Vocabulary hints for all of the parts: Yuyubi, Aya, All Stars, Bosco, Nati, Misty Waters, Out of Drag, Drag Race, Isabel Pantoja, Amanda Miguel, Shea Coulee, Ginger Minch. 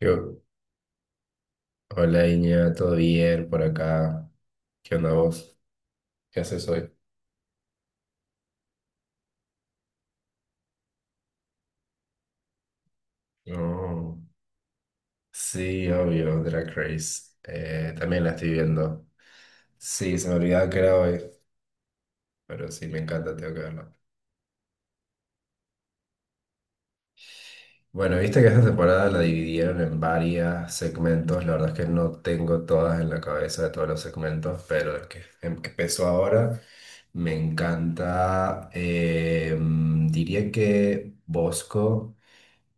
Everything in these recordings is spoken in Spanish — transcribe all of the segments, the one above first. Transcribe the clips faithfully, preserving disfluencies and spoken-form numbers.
Yo, hola Iña, ¿todo bien por acá? ¿Qué onda vos? ¿Qué haces hoy? No. Sí, obvio, Drag Race. Eh, también la estoy viendo. Sí, se me olvidaba que era hoy, pero sí, me encanta, tengo que verla. Bueno, viste que esta temporada la dividieron en varios segmentos. La verdad es que no tengo todas en la cabeza de todos los segmentos, pero el que, em- que empezó ahora me encanta. Eh, diría que Bosco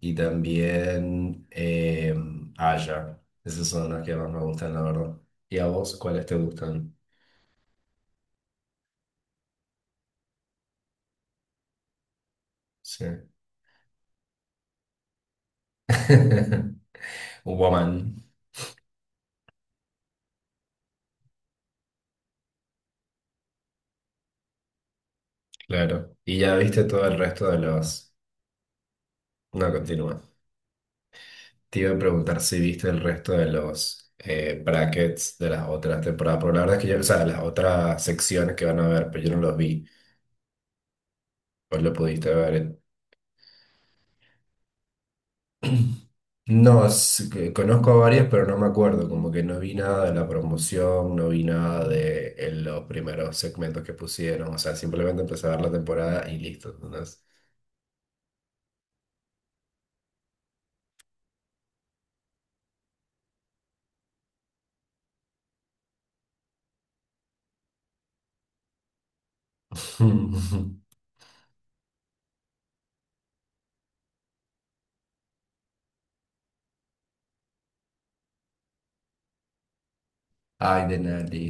y también eh, Aya. Esas son las que más me gustan, la verdad. ¿Y a vos cuáles te gustan? Sí. Woman, claro. Y ya viste todo el resto de los... No, continúa. Te iba a preguntar si viste el resto de los eh, brackets de las otras temporadas, pero la verdad es que yo, o sea, las otras secciones que van a ver, pero yo no los vi. ¿Vos lo pudiste ver? No, es que conozco a varias, pero no me acuerdo, como que no vi nada de la promoción, no vi nada de eh, los primeros segmentos que pusieron, o sea, simplemente empecé a ver la temporada y listo. Entonces. Ay, de Nati.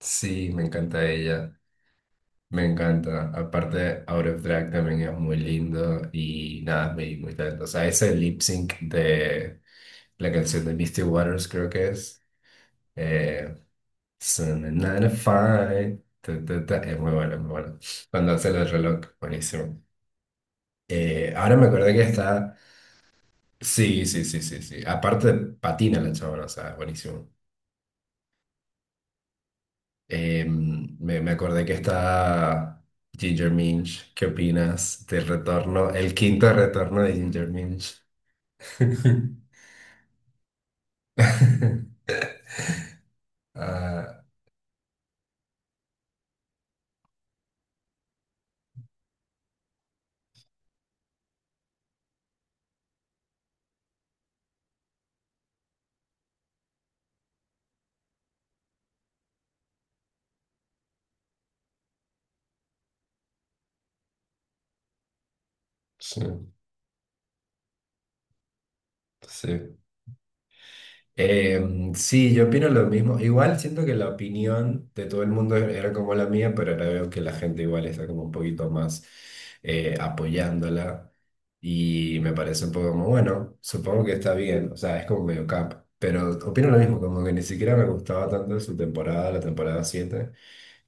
Sí, me encanta ella. Me encanta. Aparte, Out of Drag también es muy lindo y nada, muy, muy talentosa. Ese lip sync de la canción de Misty Waters, creo que es. Eh, Fine. Es muy bueno, muy bueno. Cuando hace el reloj, buenísimo. Eh, ahora me acordé que está. Sí, sí, sí, sí, sí. Aparte, patina la chabona, o sea, buenísimo. Eh, me, me acordé que está Ginger Minch. ¿Qué opinas del retorno, el quinto retorno de Ginger Minch? Ah, sí, sí. Em, sí, yo opino lo mismo. Igual siento que la opinión de todo el mundo era como la mía, pero ahora veo que la gente igual está como un poquito más eh, apoyándola y me parece un poco como, bueno, supongo que está bien, o sea, es como medio cap, pero opino lo mismo, como que ni siquiera me gustaba tanto su temporada, la temporada siete,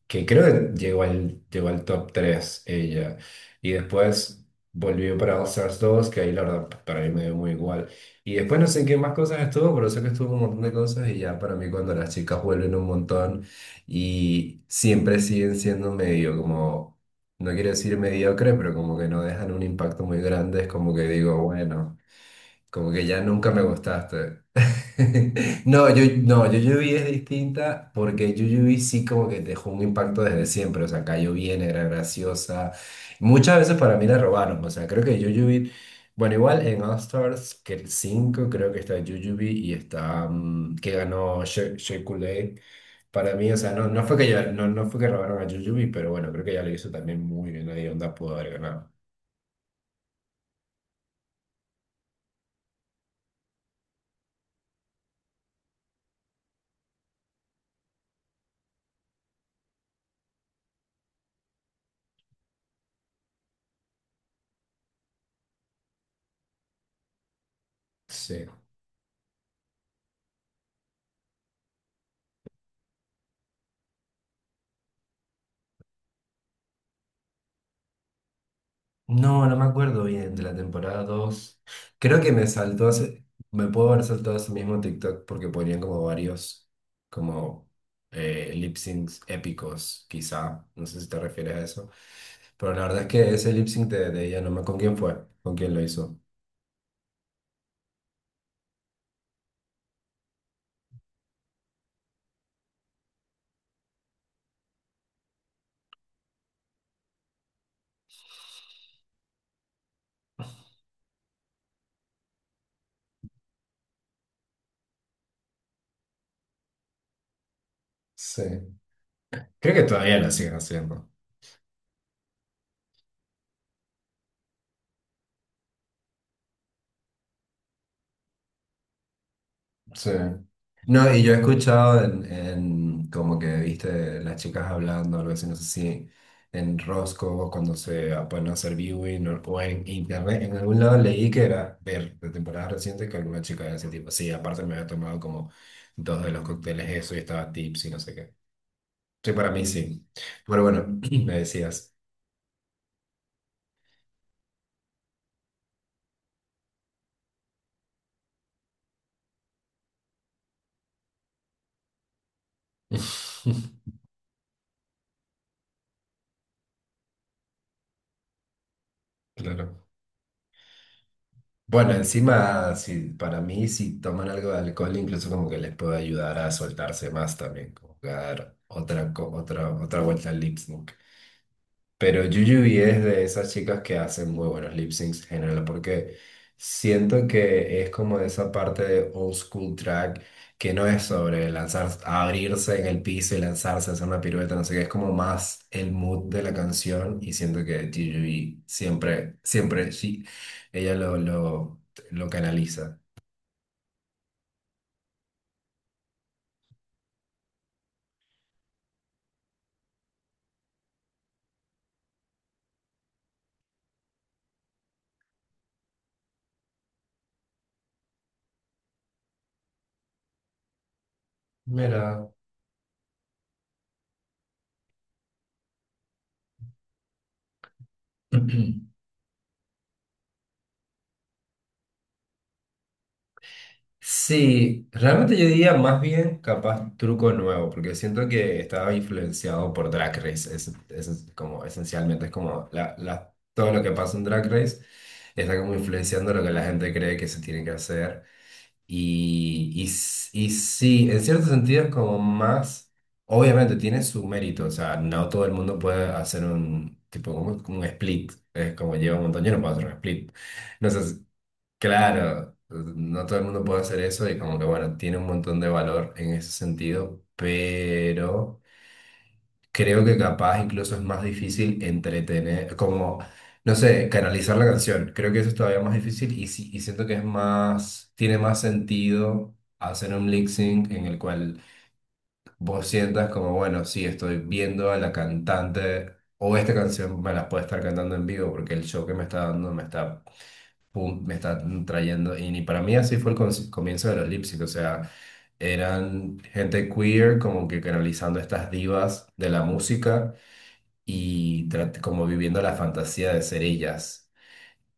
que creo que llegó al, llegó al top tres ella. Y después volvió para All Stars dos, que ahí la verdad p- para mí me dio muy igual. Y después no sé en qué más cosas estuvo, pero sé que estuvo en un montón de cosas y ya para mí cuando las chicas vuelven un montón y siempre siguen siendo medio como, no quiero decir mediocre, pero como que no dejan un impacto muy grande, es como que digo, bueno. Como que ya nunca me gustaste. No, yo, no, Yuyubi es distinta porque Yuyubi sí como que dejó un impacto desde siempre. O sea, cayó bien, era graciosa. Muchas veces para mí la robaron. O sea, creo que Yuyubi... Bueno, igual en All Stars, que el cinco creo que está Yuyubi y está... mm, que ganó Shea Shea Coulee. Para mí, o sea, no, no fue que, ya- no, no fue que robaron a Yuyubi, pero bueno, creo que ya lo hizo también muy bien. Nadie onda pudo haber ganado. Sí. No, no me acuerdo bien de la temporada dos. Creo que me saltó ese- me puedo haber saltado ese mismo TikTok porque ponían como varios, como eh, lip syncs épicos, quizá. No sé si te refieres a eso. Pero la verdad es que ese lip sync de, de ella, no me con quién fue, con quién lo hizo. Sí. Creo que todavía lo siguen haciendo. Sí. No, y yo he escuchado en, en como que viste las chicas hablando, algo así, no sé si en Rosco cuando se ponen a hacer viewing o, o en internet, en algún lado leí que era ver de temporada reciente que alguna chica de ese tipo, sí, aparte me había tomado como dos de los cócteles eso y estaba tips y no sé qué. Sí, para mí sí. Pero bueno, me decías. Claro. Bueno, encima, si, para mí, si toman algo de alcohol, incluso como que les puede ayudar a soltarse más también, como que a dar otra, co- otra, otra vuelta al lip sync. Pero Yuyubi es de esas chicas que hacen muy buenos lip syncs en general, porque siento que es como de esa parte de old school track que no es sobre lanzar, abrirse en el piso y lanzarse, hacer una pirueta, no sé qué, es como más el mood de la canción y siento que Yuyubi siempre, siempre, sí, ella lo, lo, lo canaliza. Mira. Sí, realmente yo diría más bien capaz truco nuevo, porque siento que estaba influenciado por Drag Race. Es, es como esencialmente es como la, la- todo lo que pasa en Drag Race está como influenciando lo que la gente cree que se tiene que hacer. Y, y, s- y sí, en cierto sentido es como más, obviamente tiene su mérito, o sea, no todo el mundo puede hacer un tipo como, como un split, es como lleva un montón, yo no puedo hacer un split. No sé, si claro, pues, no todo el mundo puede hacer eso y como que bueno, tiene un montón de valor en ese sentido, pero creo que capaz incluso es más difícil entretener, como, no sé, canalizar la canción. Creo que eso es todavía más difícil y, sí- y siento que es más, tiene más sentido hacer un lip sync en el cual vos sientas como, bueno, sí, estoy viendo a la cantante o esta canción me la puede estar cantando en vivo porque el show que me está dando me está pum, me está trayendo. Y ni para mí así fue el conci- comienzo de los Lipstick, o sea, eran gente queer como que canalizando estas divas de la música y trat- como viviendo la fantasía de ser ellas.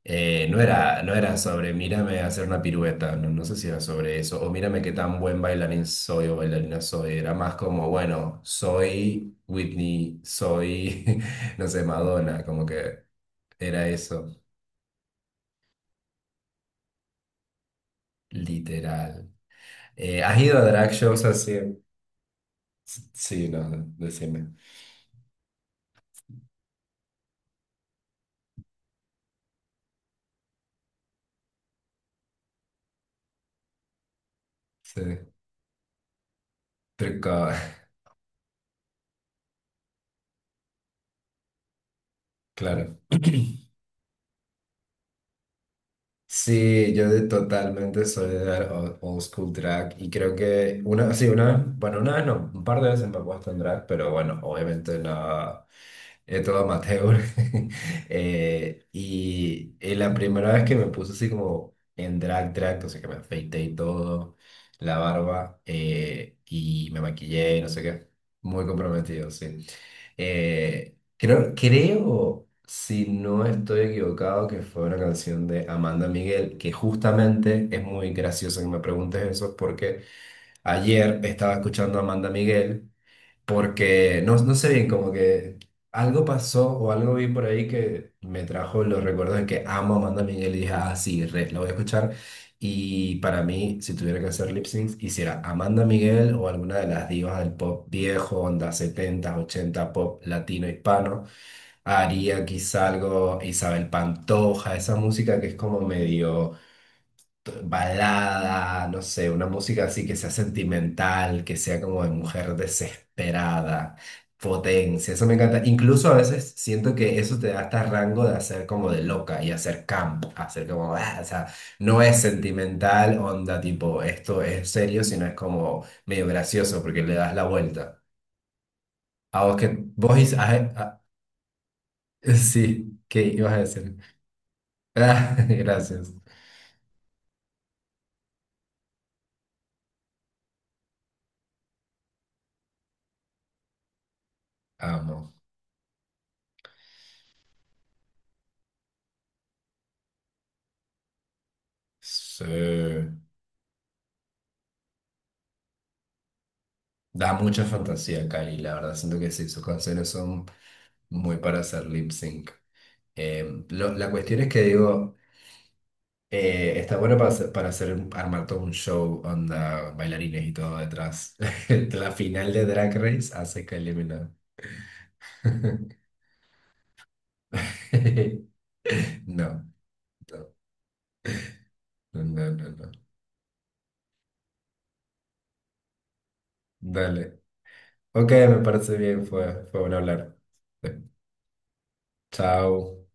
Eh, no era, no era sobre mírame hacer una pirueta, no, no sé si era sobre eso, o mírame qué tan buen bailarín soy o bailarina soy, era más como, bueno, soy Whitney, soy, no sé, Madonna, como que era eso, literal. Eh, ¿has ido a drag shows así? Sí, no, decime. Sí, truco, claro. Sí, yo de- totalmente soy de dar o- old school drag y creo que una, sí, una, bueno, una vez no, un par de veces me he puesto en drag, pero bueno, obviamente no. Es todo amateur. Eh, y, y la primera vez que me puse así como en drag, drag, o sea que me afeité y todo, la barba, eh, y me maquillé, y no sé qué, muy comprometido, sí. Eh, creo, creo, si no estoy equivocado, que fue una canción de Amanda Miguel, que justamente es muy gracioso que me preguntes eso, porque ayer estaba escuchando a Amanda Miguel porque no, no sé bien, como que algo pasó o algo vi por ahí que me trajo los recuerdos de que amo a Amanda Miguel y dije, ah, sí, re, la voy a escuchar. Y para mí, si tuviera que hacer lip syncs, hiciera Amanda Miguel o alguna de las divas del pop viejo, onda setenta ochenta pop latino, hispano. Haría quizá algo Isabel Pantoja, esa música que es como medio balada, no sé, una música así que sea sentimental, que sea como de mujer desesperada, potencia, eso me encanta. Incluso a veces siento que eso te da hasta rango de hacer como de loca y hacer camp, hacer como, ah, o sea, no es sentimental, onda tipo, esto es serio, sino es como medio gracioso porque le das la vuelta. A vos que vos is- ah, ah, sí, ¿qué ibas a decir? Ah, gracias. Amo. Sí. Da mucha fantasía, Cari, la verdad. Siento que sí, sus canciones son muy para hacer lip sync. Eh, lo- la cuestión es que digo, eh, está bueno para hacer, para hacer un- armar todo un show, onda, bailarines y todo detrás. La final de Drag Race hace que eliminado. No, no, no, no, no. Dale. Ok, me parece bien, fue, fue bueno hablar. Chao.